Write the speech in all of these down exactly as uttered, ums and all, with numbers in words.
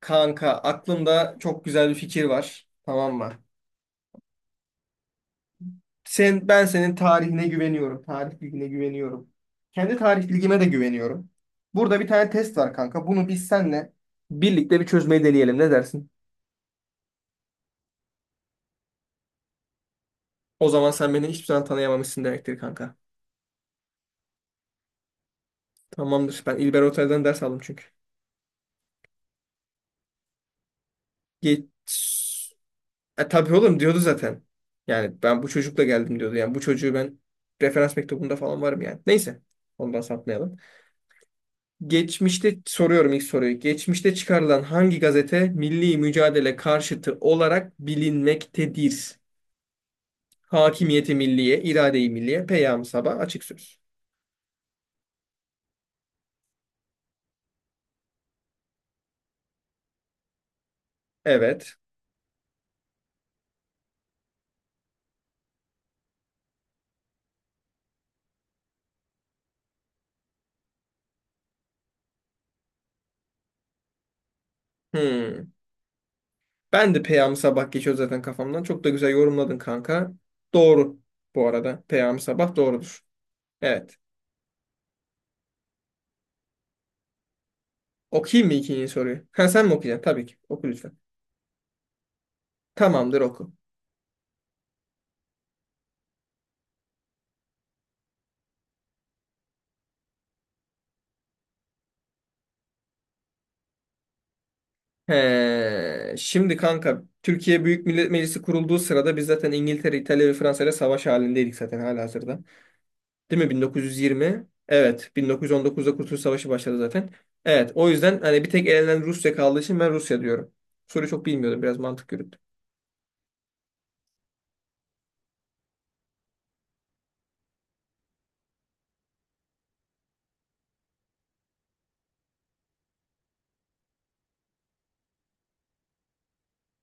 Kanka aklımda çok güzel bir fikir var. Tamam mı? Sen, ben senin tarihine güveniyorum. Tarih bilgine güveniyorum. Kendi tarih bilgime de güveniyorum. Burada bir tane test var kanka. Bunu biz senle birlikte bir çözmeyi deneyelim. Ne dersin? O zaman sen beni hiçbir zaman tanıyamamışsın demektir kanka. Tamamdır. Ben İlber Ortaylı'dan ders aldım çünkü. Geç. E, tabii oğlum diyordu zaten. Yani ben bu çocukla geldim diyordu. Yani bu çocuğu ben referans mektubunda falan varım yani. Neyse. Ondan sapmayalım. Geçmişte soruyorum ilk soruyu. Geçmişte çıkarılan hangi gazete milli mücadele karşıtı olarak bilinmektedir? Hakimiyeti Milliye, İrade-i Milliye, Peyam-ı Sabah, Açık Söz. Evet. Hmm. Ben de Peyam-ı Sabah geçiyor zaten kafamdan. Çok da güzel yorumladın kanka. Doğru bu arada. Peyam-ı Sabah doğrudur. Evet. Okuyayım mı ikinci soruyu? Ha sen mi okuyacaksın? Tabii ki. Oku lütfen. Tamamdır oku. He, şimdi kanka Türkiye Büyük Millet Meclisi kurulduğu sırada biz zaten İngiltere, İtalya ve Fransa ile savaş halindeydik zaten halihazırda. Değil mi? bin dokuz yüz yirmi. Evet. bin dokuz yüz on dokuzda Kurtuluş Savaşı başladı zaten. Evet. O yüzden hani bir tek elenen Rusya kaldığı için ben Rusya diyorum. Soruyu çok bilmiyordum. Biraz mantık yürüttüm.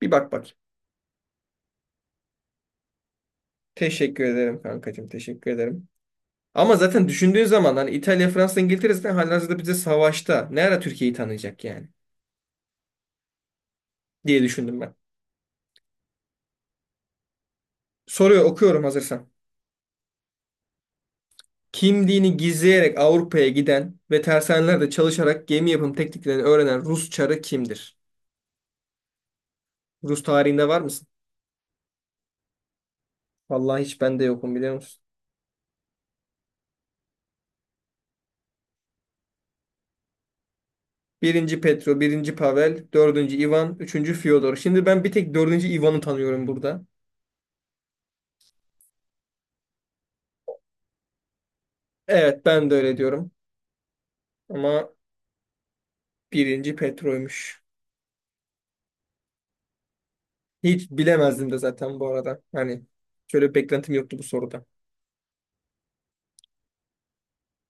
Bir bak bak. Teşekkür ederim kankacığım. Teşekkür ederim. Ama zaten düşündüğün zaman hani İtalya, Fransa, İngiltere zaten halihazırda bize savaşta. Ne ara Türkiye'yi tanıyacak yani diye düşündüm ben. Soruyor okuyorum hazırsan. Kimliğini gizleyerek Avrupa'ya giden ve tersanelerde çalışarak gemi yapım tekniklerini öğrenen Rus çarı kimdir? Rus tarihinde var mısın? Vallahi hiç bende yokum biliyor musun? Birinci Petro, birinci Pavel, dördüncü Ivan, üçüncü Fyodor. Şimdi ben bir tek dördüncü Ivan'ı tanıyorum burada. Evet ben de öyle diyorum. Ama birinci Petro'ymuş. Hiç bilemezdim de zaten bu arada. Hani şöyle bir beklentim yoktu bu soruda.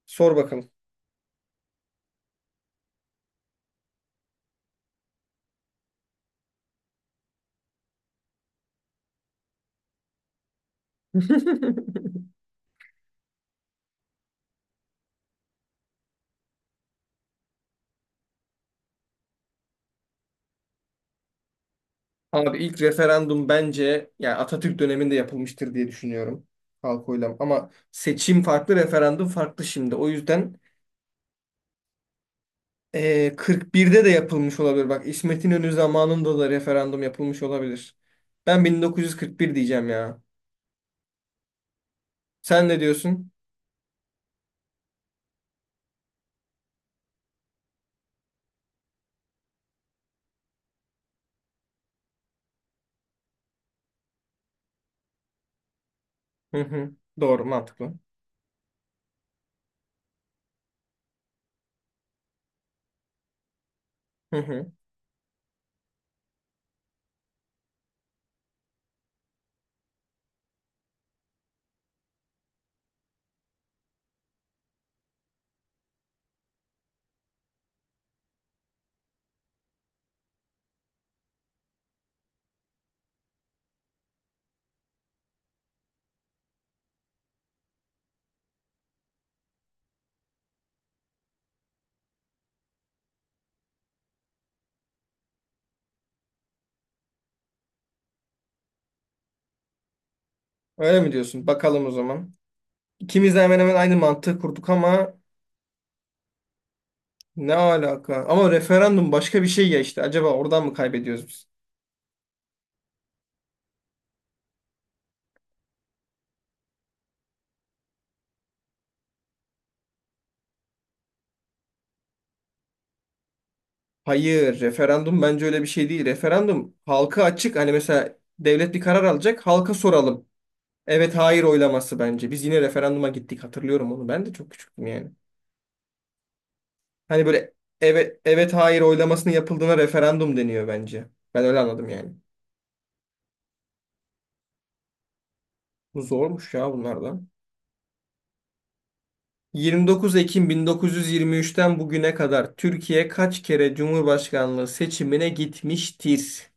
Sor bakalım. Abi ilk referandum bence yani Atatürk döneminde yapılmıştır diye düşünüyorum. Halk oylam. Ama seçim farklı, referandum farklı şimdi. O yüzden eee, kırk birde de yapılmış olabilir. Bak İsmet İnönü zamanında da referandum yapılmış olabilir. Ben bin dokuz yüz kırk bir diyeceğim ya. Sen ne diyorsun? Hı hı. Doğru, mantıklı. Hı hı. Öyle mi diyorsun? Bakalım o zaman. İkimiz de hemen hemen aynı mantığı kurduk ama ne alaka? Ama referandum başka bir şey ya işte. Acaba oradan mı kaybediyoruz biz? Hayır, referandum bence öyle bir şey değil. Referandum halka açık. Hani mesela devlet bir karar alacak, halka soralım. Evet, hayır oylaması bence. Biz yine referanduma gittik. Hatırlıyorum onu. Ben de çok küçüktüm yani. Hani böyle evet evet hayır oylamasının yapıldığına referandum deniyor bence. Ben öyle anladım yani. Bu zormuş ya bunlardan. yirmi dokuz Ekim bin dokuz yüz yirmi üçten bugüne kadar Türkiye kaç kere Cumhurbaşkanlığı seçimine gitmiştir?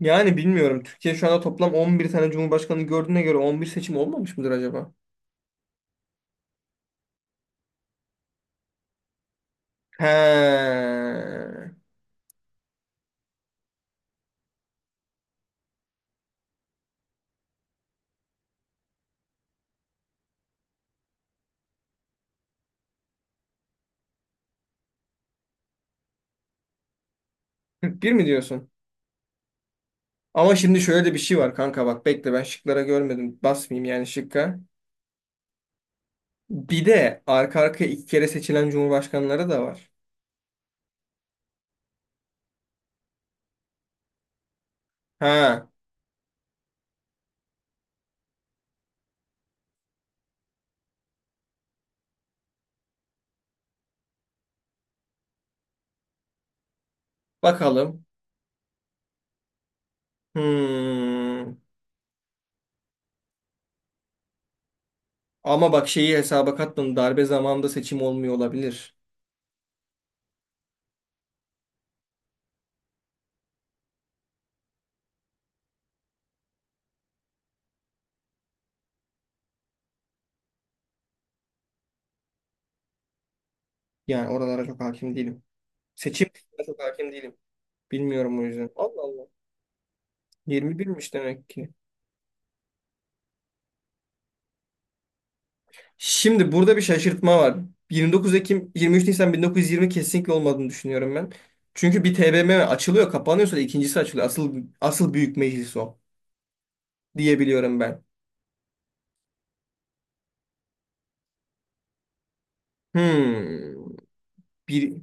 Yani bilmiyorum. Türkiye şu anda toplam on bir tane cumhurbaşkanı gördüğüne göre on bir seçim olmamış mıdır acaba? He. Kırk bir mi diyorsun? Ama şimdi şöyle de bir şey var kanka bak bekle ben şıklara görmedim. Basmayayım yani şıkka. Bir de arka arkaya iki kere seçilen cumhurbaşkanları da var. Ha. Bakalım. Hmm. Ama bak şeyi hesaba katmadım. Darbe zamanında seçim olmuyor olabilir. Yani oralara çok hakim değilim. Seçim kısmına çok hakim değilim. Bilmiyorum o yüzden. Allah Allah. yirmi birmiş demek ki. Şimdi burada bir şaşırtma var. yirmi dokuz Ekim, yirmi üç Nisan bin dokuz yüz yirmi kesinlikle olmadığını düşünüyorum ben. Çünkü bir T B M M açılıyor, kapanıyorsa da ikincisi açılıyor. Asıl asıl büyük meclis o diyebiliyorum ben. Hmm. Bir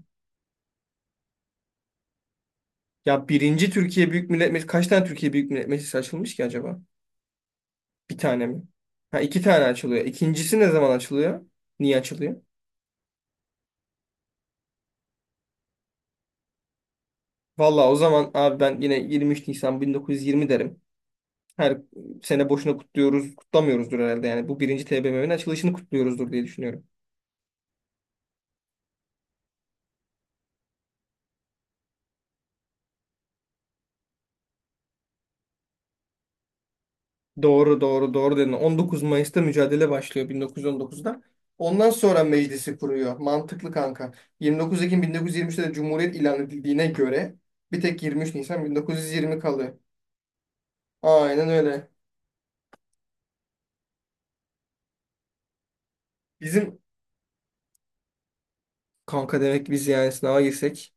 Ya birinci Türkiye Büyük Millet Meclisi kaç tane Türkiye Büyük Millet Meclisi açılmış ki acaba? Bir tane mi? Ha iki tane açılıyor. İkincisi ne zaman açılıyor? Niye açılıyor? Vallahi o zaman abi ben yine yirmi üç Nisan bin dokuz yüz yirmi derim. Her sene boşuna kutluyoruz, kutlamıyoruzdur herhalde. Yani bu birinci T B M M'nin açılışını kutluyoruzdur diye düşünüyorum. Doğru, doğru, doğru dedin. on dokuz Mayıs'ta mücadele başlıyor bin dokuz yüz on dokuzda. Ondan sonra meclisi kuruyor. Mantıklı kanka. yirmi dokuz Ekim bin dokuz yüz yirmi üçte de Cumhuriyet ilan edildiğine göre bir tek yirmi üç Nisan bin dokuz yüz yirmi kalıyor. Aynen öyle. Bizim kanka demek ki biz yani sınava girsek.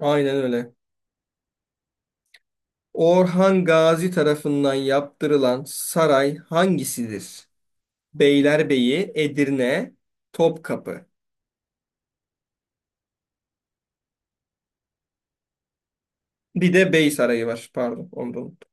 Aynen öyle. Orhan Gazi tarafından yaptırılan saray hangisidir? Beylerbeyi, Edirne, Topkapı. Bir de Bey Sarayı var. Pardon, onu da unuttum.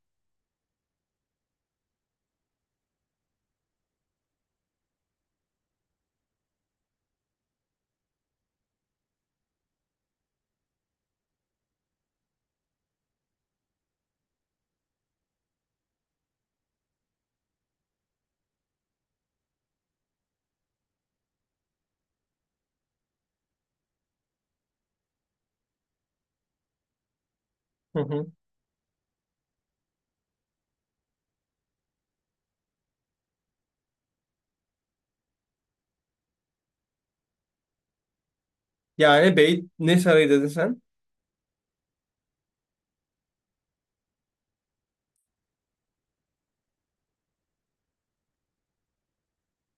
Hı hı. Yani Bey ne sarayı dedin sen?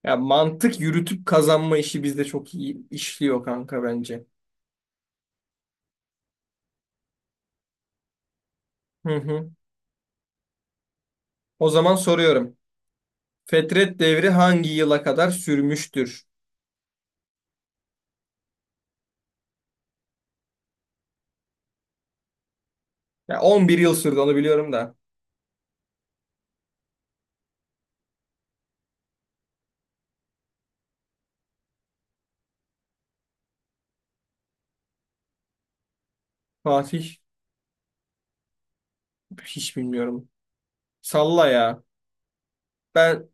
Ya mantık yürütüp kazanma işi bizde çok iyi işliyor kanka bence. Hı hı. O zaman soruyorum. Fetret devri hangi yıla kadar sürmüştür? Ya on bir yıl sürdü onu biliyorum da. Fatih hiç bilmiyorum. Salla ya. Ben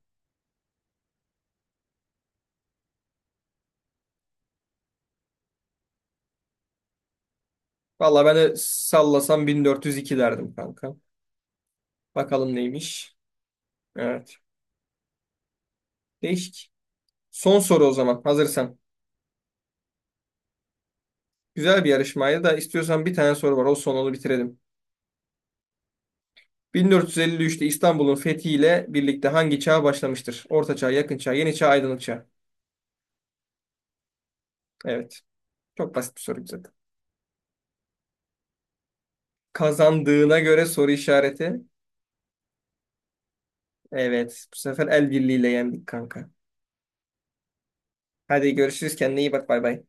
valla ben de sallasam bin dört yüz iki derdim kanka. Bakalım neymiş. Evet. Değişik. Son soru o zaman hazırsan. Güzel bir yarışmaydı da istiyorsan bir tane soru var. O son onu bitirelim. bin dört yüz elli üçte İstanbul'un fethiyle birlikte hangi çağ başlamıştır? Orta Çağ, Yakın Çağ, Yeni Çağ, Aydınlık Çağ. Evet. Çok basit bir soru zaten. Kazandığına göre soru işareti. Evet. Bu sefer el birliğiyle yendik kanka. Hadi görüşürüz. Kendine iyi bak. Bay bay.